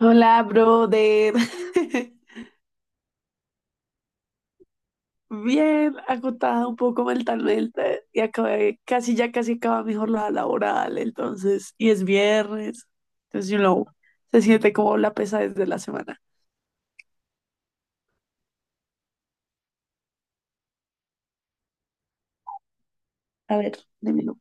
Hola, brother. Bien, agotada un poco mentalmente y acabé, casi ya casi acaba mi jornada laboral, entonces, y es viernes, entonces, se siente como la pesadez de la semana. A ver, dímelo.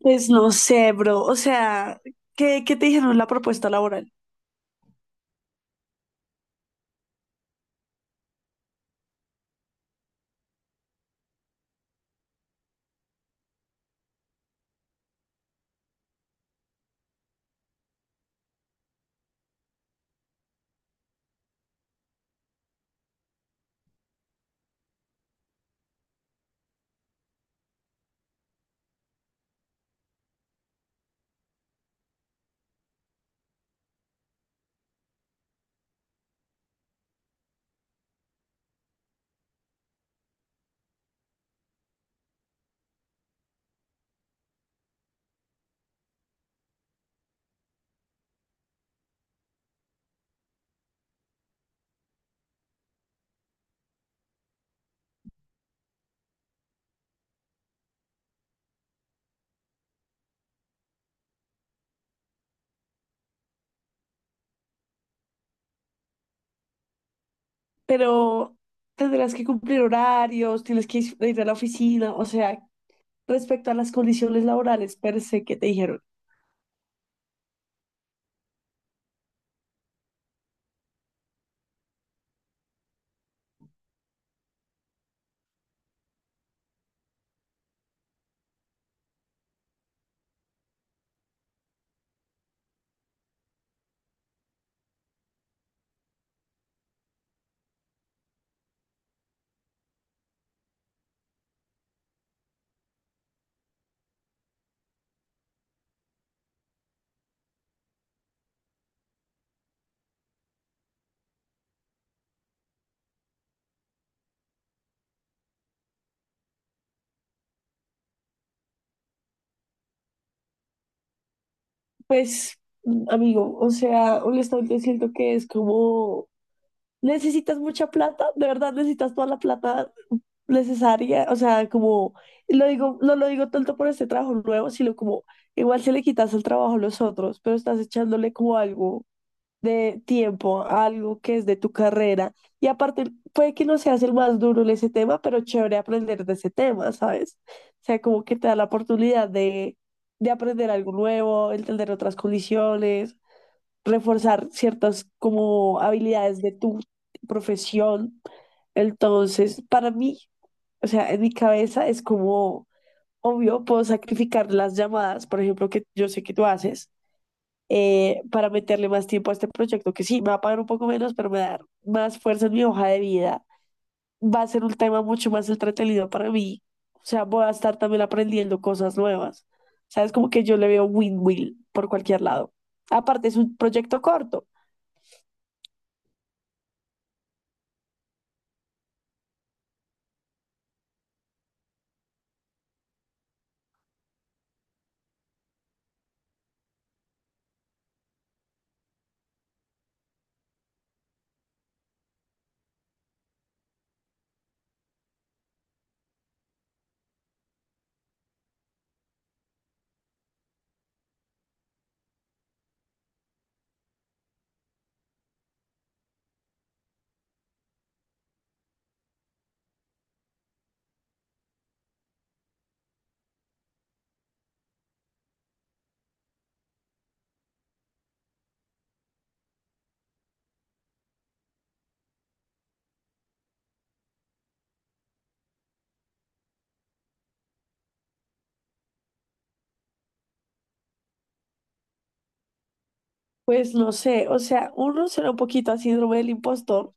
Pues no sé, bro, o sea, ¿qué te dijeron en la propuesta laboral? Pero tendrás que cumplir horarios, tienes que ir a la oficina, o sea, respecto a las condiciones laborales per se que te dijeron. Pues, amigo, o sea, honestamente siento que es como, necesitas mucha plata, de verdad necesitas toda la plata necesaria, o sea, como, lo digo, no lo digo tanto por este trabajo nuevo, sino como, igual si le quitas el trabajo a los otros, pero estás echándole como algo de tiempo a algo que es de tu carrera. Y aparte, puede que no seas el más duro en ese tema, pero chévere aprender de ese tema, ¿sabes? O sea, como que te da la oportunidad de aprender algo nuevo, entender otras condiciones, reforzar ciertas como habilidades de tu profesión. Entonces, para mí, o sea, en mi cabeza es como, obvio, puedo sacrificar las llamadas, por ejemplo, que yo sé que tú haces, para meterle más tiempo a este proyecto, que sí, me va a pagar un poco menos, pero me va a dar más fuerza en mi hoja de vida. Va a ser un tema mucho más entretenido para mí. O sea, voy a estar también aprendiendo cosas nuevas. O sea, es como que yo le veo win-win por cualquier lado. Aparte, es un proyecto corto. Pues no sé, o sea, uno suena un poquito a síndrome del impostor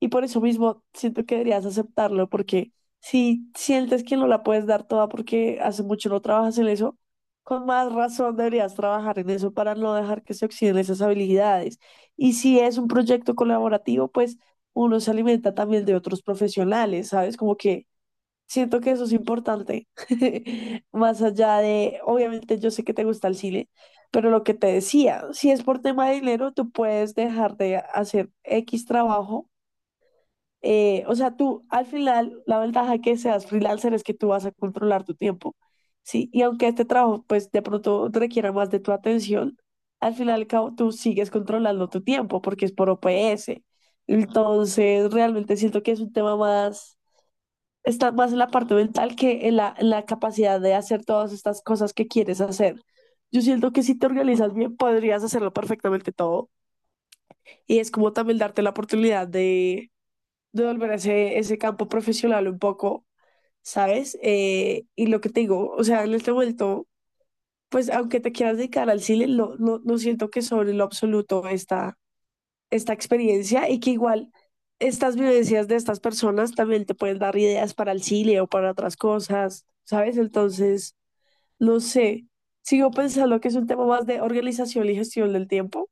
y por eso mismo siento que deberías aceptarlo, porque si sientes que no la puedes dar toda porque hace mucho no trabajas en eso, con más razón deberías trabajar en eso para no dejar que se oxiden esas habilidades. Y si es un proyecto colaborativo, pues uno se alimenta también de otros profesionales, ¿sabes? Como que siento que eso es importante, más allá de, obviamente yo sé que te gusta el cine, pero lo que te decía, si es por tema de dinero, tú puedes dejar de hacer X trabajo. O sea, tú al final, la ventaja que seas freelancer es que tú vas a controlar tu tiempo, ¿sí? Y aunque este trabajo, pues de pronto requiera más de tu atención, al final y al cabo tú sigues controlando tu tiempo porque es por OPS. Entonces, realmente siento que es un tema más, está más en la parte mental que en la capacidad de hacer todas estas cosas que quieres hacer. Yo siento que si te organizas bien, podrías hacerlo perfectamente todo. Y es como también darte la oportunidad de volver a ese, ese campo profesional un poco, ¿sabes? Y lo que te digo, o sea, en este momento, pues aunque te quieras dedicar al cine, no, no, no siento que sobre lo absoluto está esta experiencia y que igual estas vivencias de estas personas también te pueden dar ideas para el cine o para otras cosas, ¿sabes? Entonces, no sé, sigo pensando que es un tema más de organización y gestión del tiempo,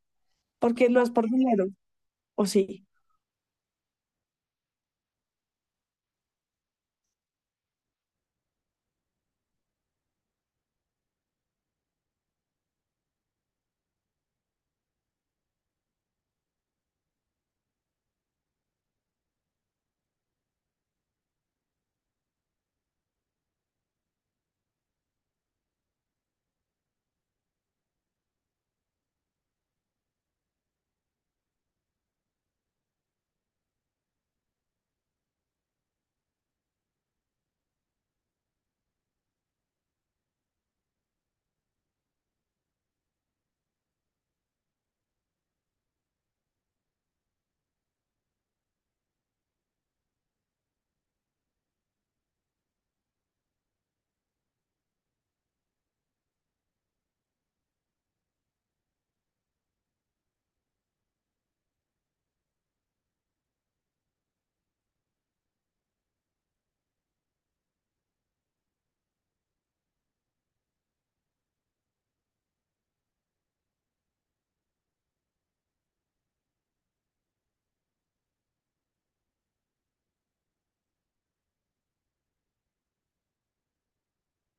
porque no es por dinero, o sí.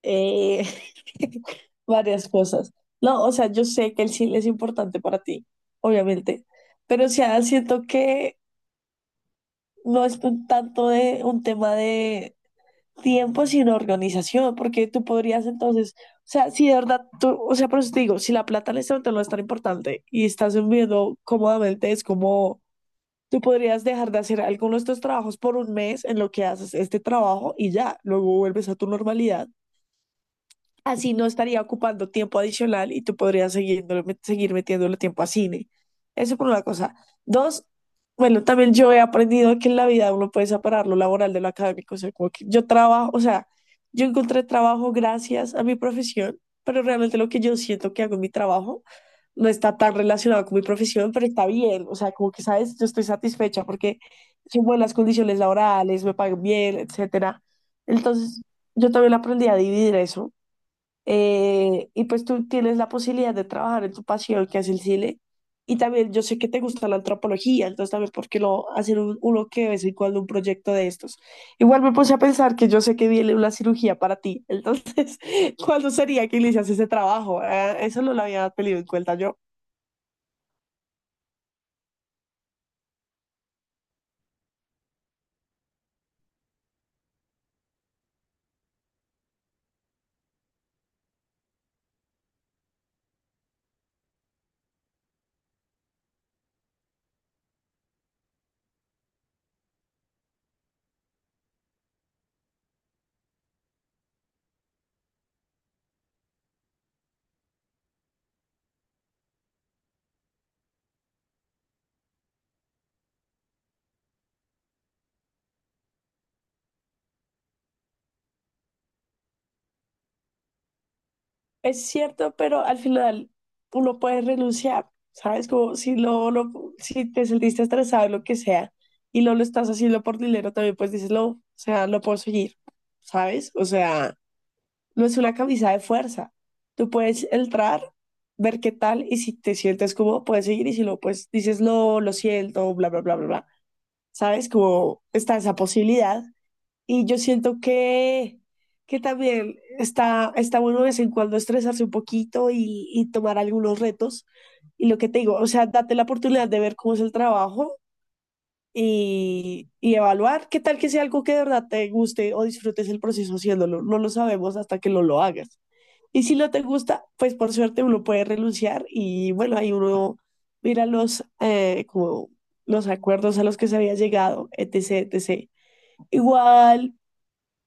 Eh, Varias cosas. No, o sea, yo sé que el cine es importante para ti, obviamente, pero o sea, siento que no es un tanto de un tema de tiempo sin organización, porque tú podrías entonces, o sea, si de verdad tú, o sea, por eso te digo, si la plata en este momento no es tan importante y estás viviendo cómodamente, es como tú podrías dejar de hacer algunos de estos trabajos por un mes en lo que haces este trabajo y ya, luego vuelves a tu normalidad. Así no estaría ocupando tiempo adicional y tú podrías seguir metiéndole tiempo a cine. Eso por una cosa. Dos, bueno, también yo he aprendido que en la vida uno puede separar lo laboral de lo académico. O sea, como que yo trabajo, o sea, yo encontré trabajo gracias a mi profesión, pero realmente lo que yo siento que hago en mi trabajo no está tan relacionado con mi profesión, pero está bien. O sea, como que, ¿sabes? Yo estoy satisfecha porque son buenas condiciones laborales, me pagan bien, etcétera. Entonces, yo también aprendí a dividir eso. Y pues tú tienes la posibilidad de trabajar en tu pasión, que es el cine. Y también yo sé que te gusta la antropología, entonces también, ¿por qué no hacer uno que de vez en cuando un proyecto de estos? Igual me puse a pensar que yo sé que viene una cirugía para ti, entonces, ¿cuándo sería que inicias ese trabajo? Eso no lo había tenido en cuenta yo. Es cierto, pero al final uno puede renunciar, ¿sabes? Como si si te sentiste estresado, lo que sea, y no lo estás haciendo por dinero, también pues dices, no, o sea, no puedo seguir, ¿sabes? O sea, no es una camisa de fuerza. Tú puedes entrar, ver qué tal, y si te sientes cómodo, puedes seguir, y si no, pues dices, no, lo siento, bla, bla, bla, bla, bla. ¿Sabes? Como está esa posibilidad. Y yo siento que también está, está bueno de vez en cuando estresarse un poquito y tomar algunos retos. Y lo que te digo, o sea, date la oportunidad de ver cómo es el trabajo y evaluar qué tal, que sea algo que de verdad te guste o disfrutes el proceso haciéndolo. No lo sabemos hasta que no lo hagas. Y si no te gusta, pues por suerte uno puede renunciar y bueno, ahí uno mira los, como los acuerdos a los que se había llegado, etc, etc. Igual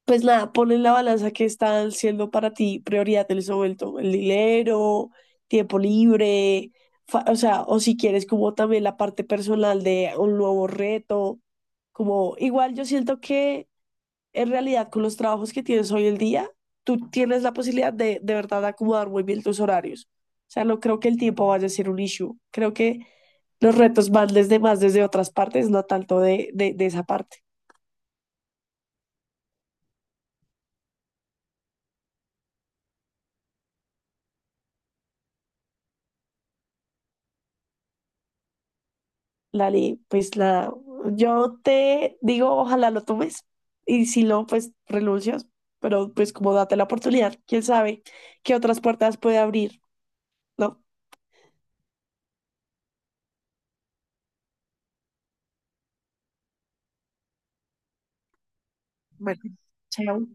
pues nada, pon en la balanza que están siendo para ti prioridad en ese momento. El dinero, tiempo libre, o sea, o si quieres como también la parte personal de un nuevo reto. Como igual yo siento que en realidad con los trabajos que tienes hoy en día, tú tienes la posibilidad de verdad acomodar muy bien tus horarios. O sea, no creo que el tiempo vaya a ser un issue. Creo que los retos van desde más desde otras partes, no tanto de, de esa parte. Lali, pues la, yo te digo, ojalá lo tomes y si no, pues renuncias, pero pues como date la oportunidad, quién sabe qué otras puertas puede abrir, ¿no? Bueno, chao.